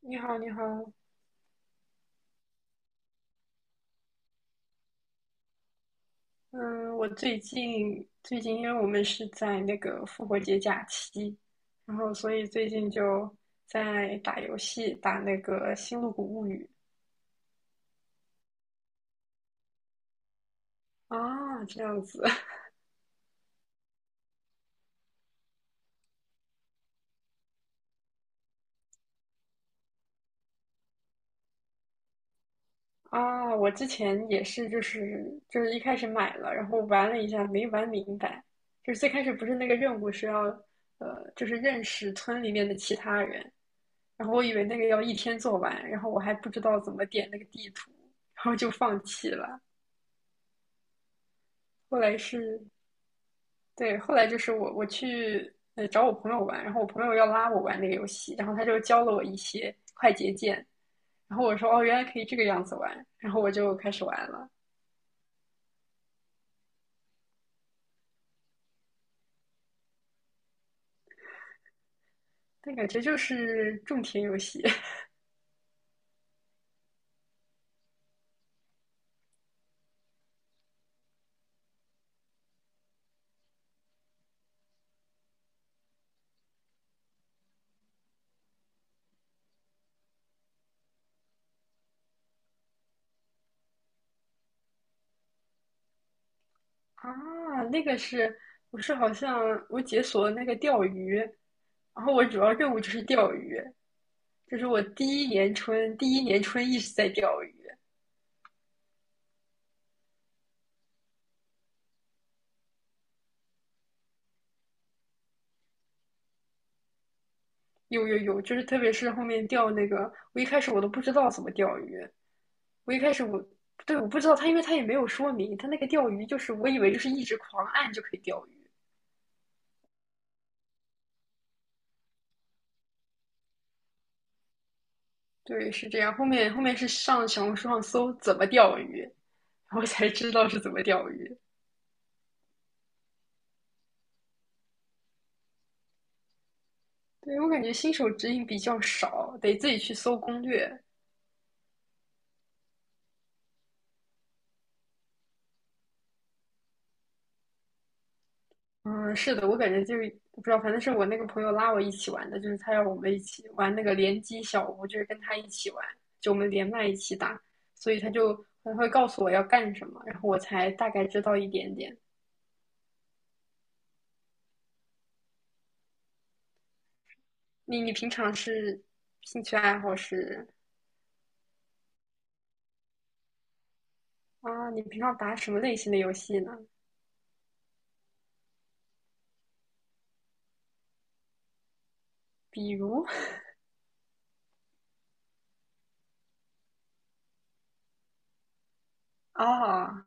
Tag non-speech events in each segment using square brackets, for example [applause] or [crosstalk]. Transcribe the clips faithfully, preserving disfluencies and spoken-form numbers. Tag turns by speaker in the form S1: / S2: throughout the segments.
S1: 你好，你好，嗯，我最近最近，因为我们是在那个复活节假期，然后所以最近就在打游戏，打那个《星露谷物语》啊，这样子 [laughs] 啊。我之前也是，就是就是一开始买了，然后玩了一下，没玩明白，就是最开始不是那个任务是要呃，就是认识村里面的其他人，然后我以为那个要一天做完，然后我还不知道怎么点那个地图，然后就放弃了。后来是，对，后来就是我我去呃找我朋友玩，然后我朋友要拉我玩那个游戏，然后他就教了我一些快捷键，然后我说哦，原来可以这个样子玩，然后我就开始玩了。但感觉就是种田游戏 [laughs] 啊，那个是我是好像我解锁了那个钓鱼，然后我主要任务就是钓鱼，就是我第一年春第一年春一直在钓鱼，有有有，就是特别是后面钓那个，我一开始我都不知道怎么钓鱼。我一开始我对我不知道他，因为他也没有说明，他那个钓鱼就是我以为就是一直狂按就可以钓鱼，对，是这样。后面后面是上小红书上搜怎么钓鱼，然后才知道是怎么钓鱼。对，我感觉新手指引比较少，得自己去搜攻略。嗯，是的，我感觉就是不知道，反正是我那个朋友拉我一起玩的，就是他要我们一起玩那个联机小屋，就是跟他一起玩，就我们连麦一起打，所以他就他会告诉我要干什么，然后我才大概知道一点点。你你平常是兴趣爱好是啊？你平常打什么类型的游戏呢？比如啊啊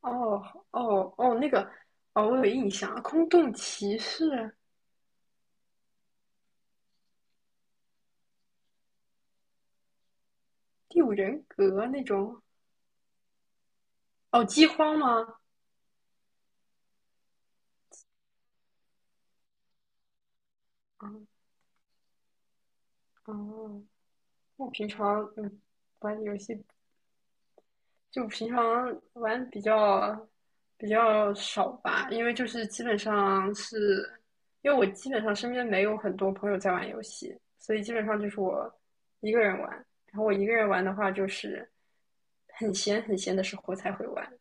S1: 哦哦哦那个哦，我有印象，《空洞骑士》《第五人格》那种哦，《饥荒》吗？啊哦，我平常嗯玩的游戏就平常玩比较比较少吧，因为就是基本上是，因为我基本上身边没有很多朋友在玩游戏，所以基本上就是我一个人玩。然后我一个人玩的话，就是很闲很闲的时候才会玩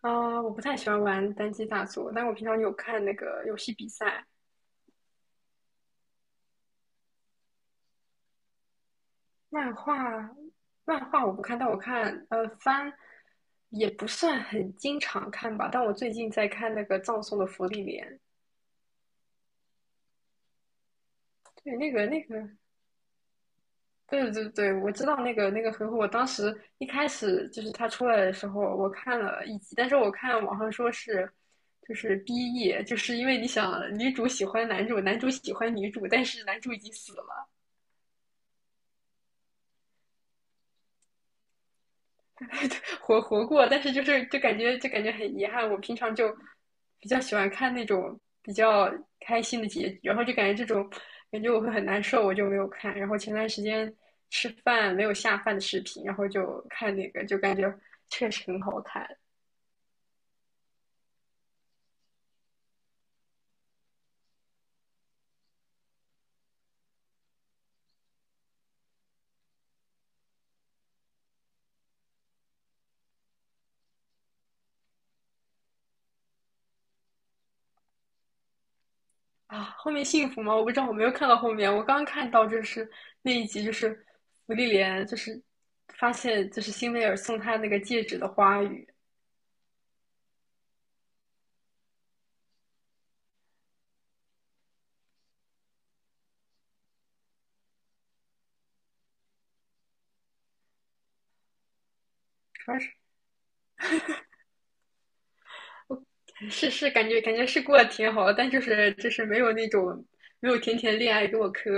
S1: 啊。我不太喜欢玩单机大作，但我平常有看那个游戏比赛、漫画，漫画我不看，但我看呃番。也不算很经常看吧，但我最近在看那个《葬送的芙莉莲》，对，那个那个，对对对，我知道那个那个回复。我当时一开始就是他出来的时候，我看了一集，但是我看网上说是就是 B E，就是因为你想女主喜欢男主，男主喜欢女主，但是男主已经死了，[laughs] 活活过，但是就是就感觉就感觉很遗憾。我平常就比较喜欢看那种比较开心的结局，然后就感觉这种感觉我会很难受，我就没有看。然后前段时间吃饭没有下饭的视频，然后就看那个，就感觉确实很好看啊。后面幸福吗？我不知道，我没有看到后面。我刚看到就是那一集，就是芙莉莲，就是发现就是辛美尔送她那个戒指的花语。主要 [laughs] 是是，感觉感觉是过得挺好，的，但就是就是没有那种没有甜甜恋爱给我磕。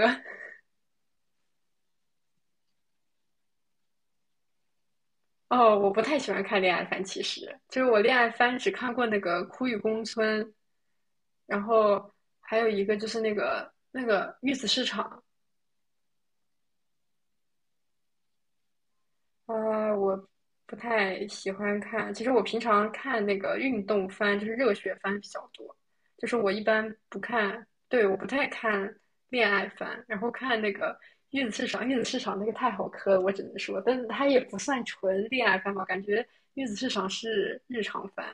S1: 哦，我不太喜欢看恋爱番，其实就是我恋爱番只看过那个《苦与宫村》，然后还有一个就是那个那个玉子市场，啊，我不太喜欢看。其实我平常看那个运动番，就是热血番比较多。就是我一般不看，对，我不太看恋爱番，然后看那个月子市场，月子市场那个太好磕了，我只能说，但是它也不算纯恋爱番吧，感觉月子市场是日常番。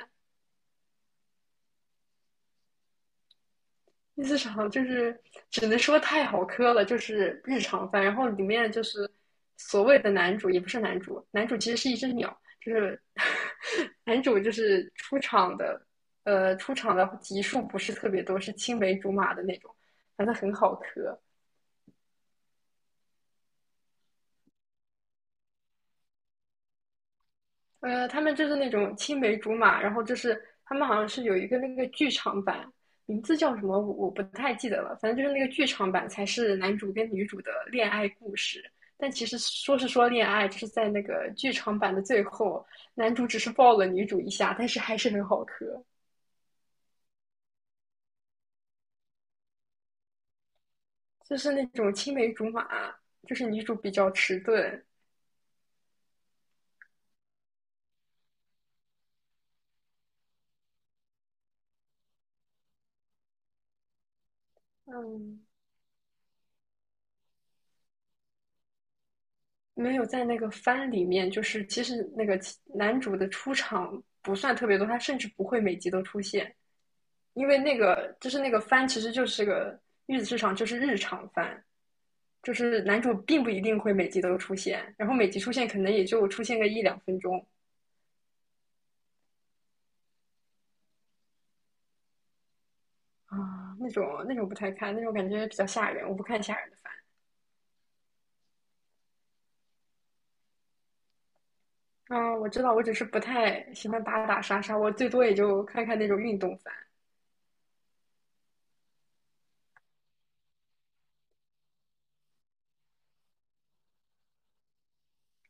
S1: 第四场就是只能说太好磕了，就是日常番。然后里面就是所谓的男主也不是男主，男主其实是一只鸟，就是 [laughs] 男主就是出场的，呃，出场的集数不是特别多，是青梅竹马的那种，反正很好磕。呃，他们就是那种青梅竹马，然后就是他们好像是有一个那个剧场版，名字叫什么我我不太记得了，反正就是那个剧场版才是男主跟女主的恋爱故事。但其实说是说恋爱，就是在那个剧场版的最后，男主只是抱了女主一下，但是还是很好磕，就是那种青梅竹马，就是女主比较迟钝，嗯，没有在那个番里面，就是其实那个男主的出场不算特别多，他甚至不会每集都出现。因为那个就是那个番，其实就是个玉子市场，就是日常番，就是男主并不一定会每集都出现，然后每集出现可能也就出现个一两分钟啊，那种那种不太看，那种感觉比较吓人，我不看吓人的番。啊。我知道，我只是不太喜欢打打杀杀，我最多也就看看那种运动番。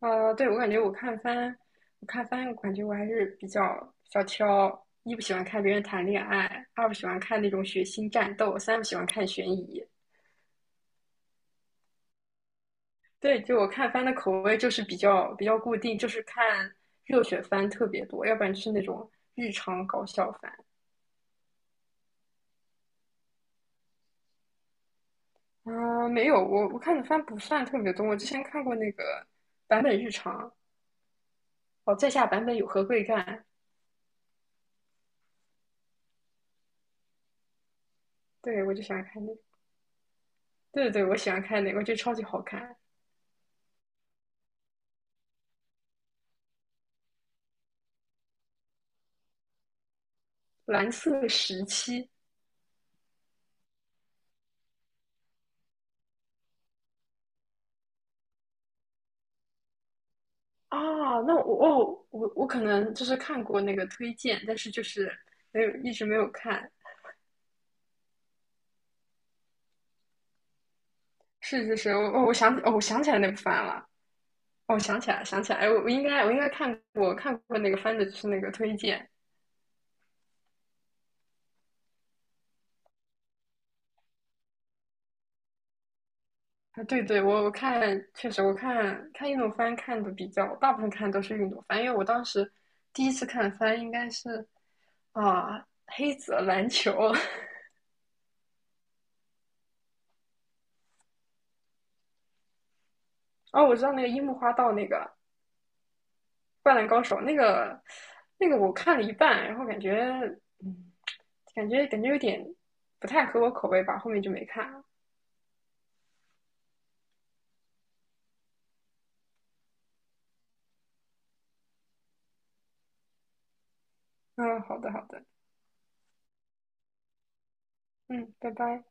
S1: 啊。对，我感觉我看番，我看番，我感觉我还是比较比较挑，一不喜欢看别人谈恋爱，二不喜欢看那种血腥战斗，三不喜欢看悬疑。对，就我看番的口味就是比较比较固定，就是看热血番特别多，要不然就是那种日常搞笑番。啊、没有，我我看的番不算特别多。我之前看过那个版本日常，哦，在下版本有何贵干？对，我就喜欢看那个。对对对，我喜欢看那个，我觉得超级好看。蓝色时期啊，那我哦，我我可能就是看过那个推荐，但是就是没有一直没有看。是是是，我我我想起哦，我想起来那个番了，我想起来，想起来，哎，我我应该我应该看过看过那个番的，就是那个推荐。啊，对对，我我看确实，我看看运动番看的比较，大部分看的都是运动番，因为我当时第一次看番应该是啊黑子篮球，[laughs] 哦，我知道那个樱木花道那个灌篮高手那个那个我看了一半，然后感觉嗯感觉感觉有点不太合我口味吧，后面就没看了。嗯，好的好的，嗯，拜拜。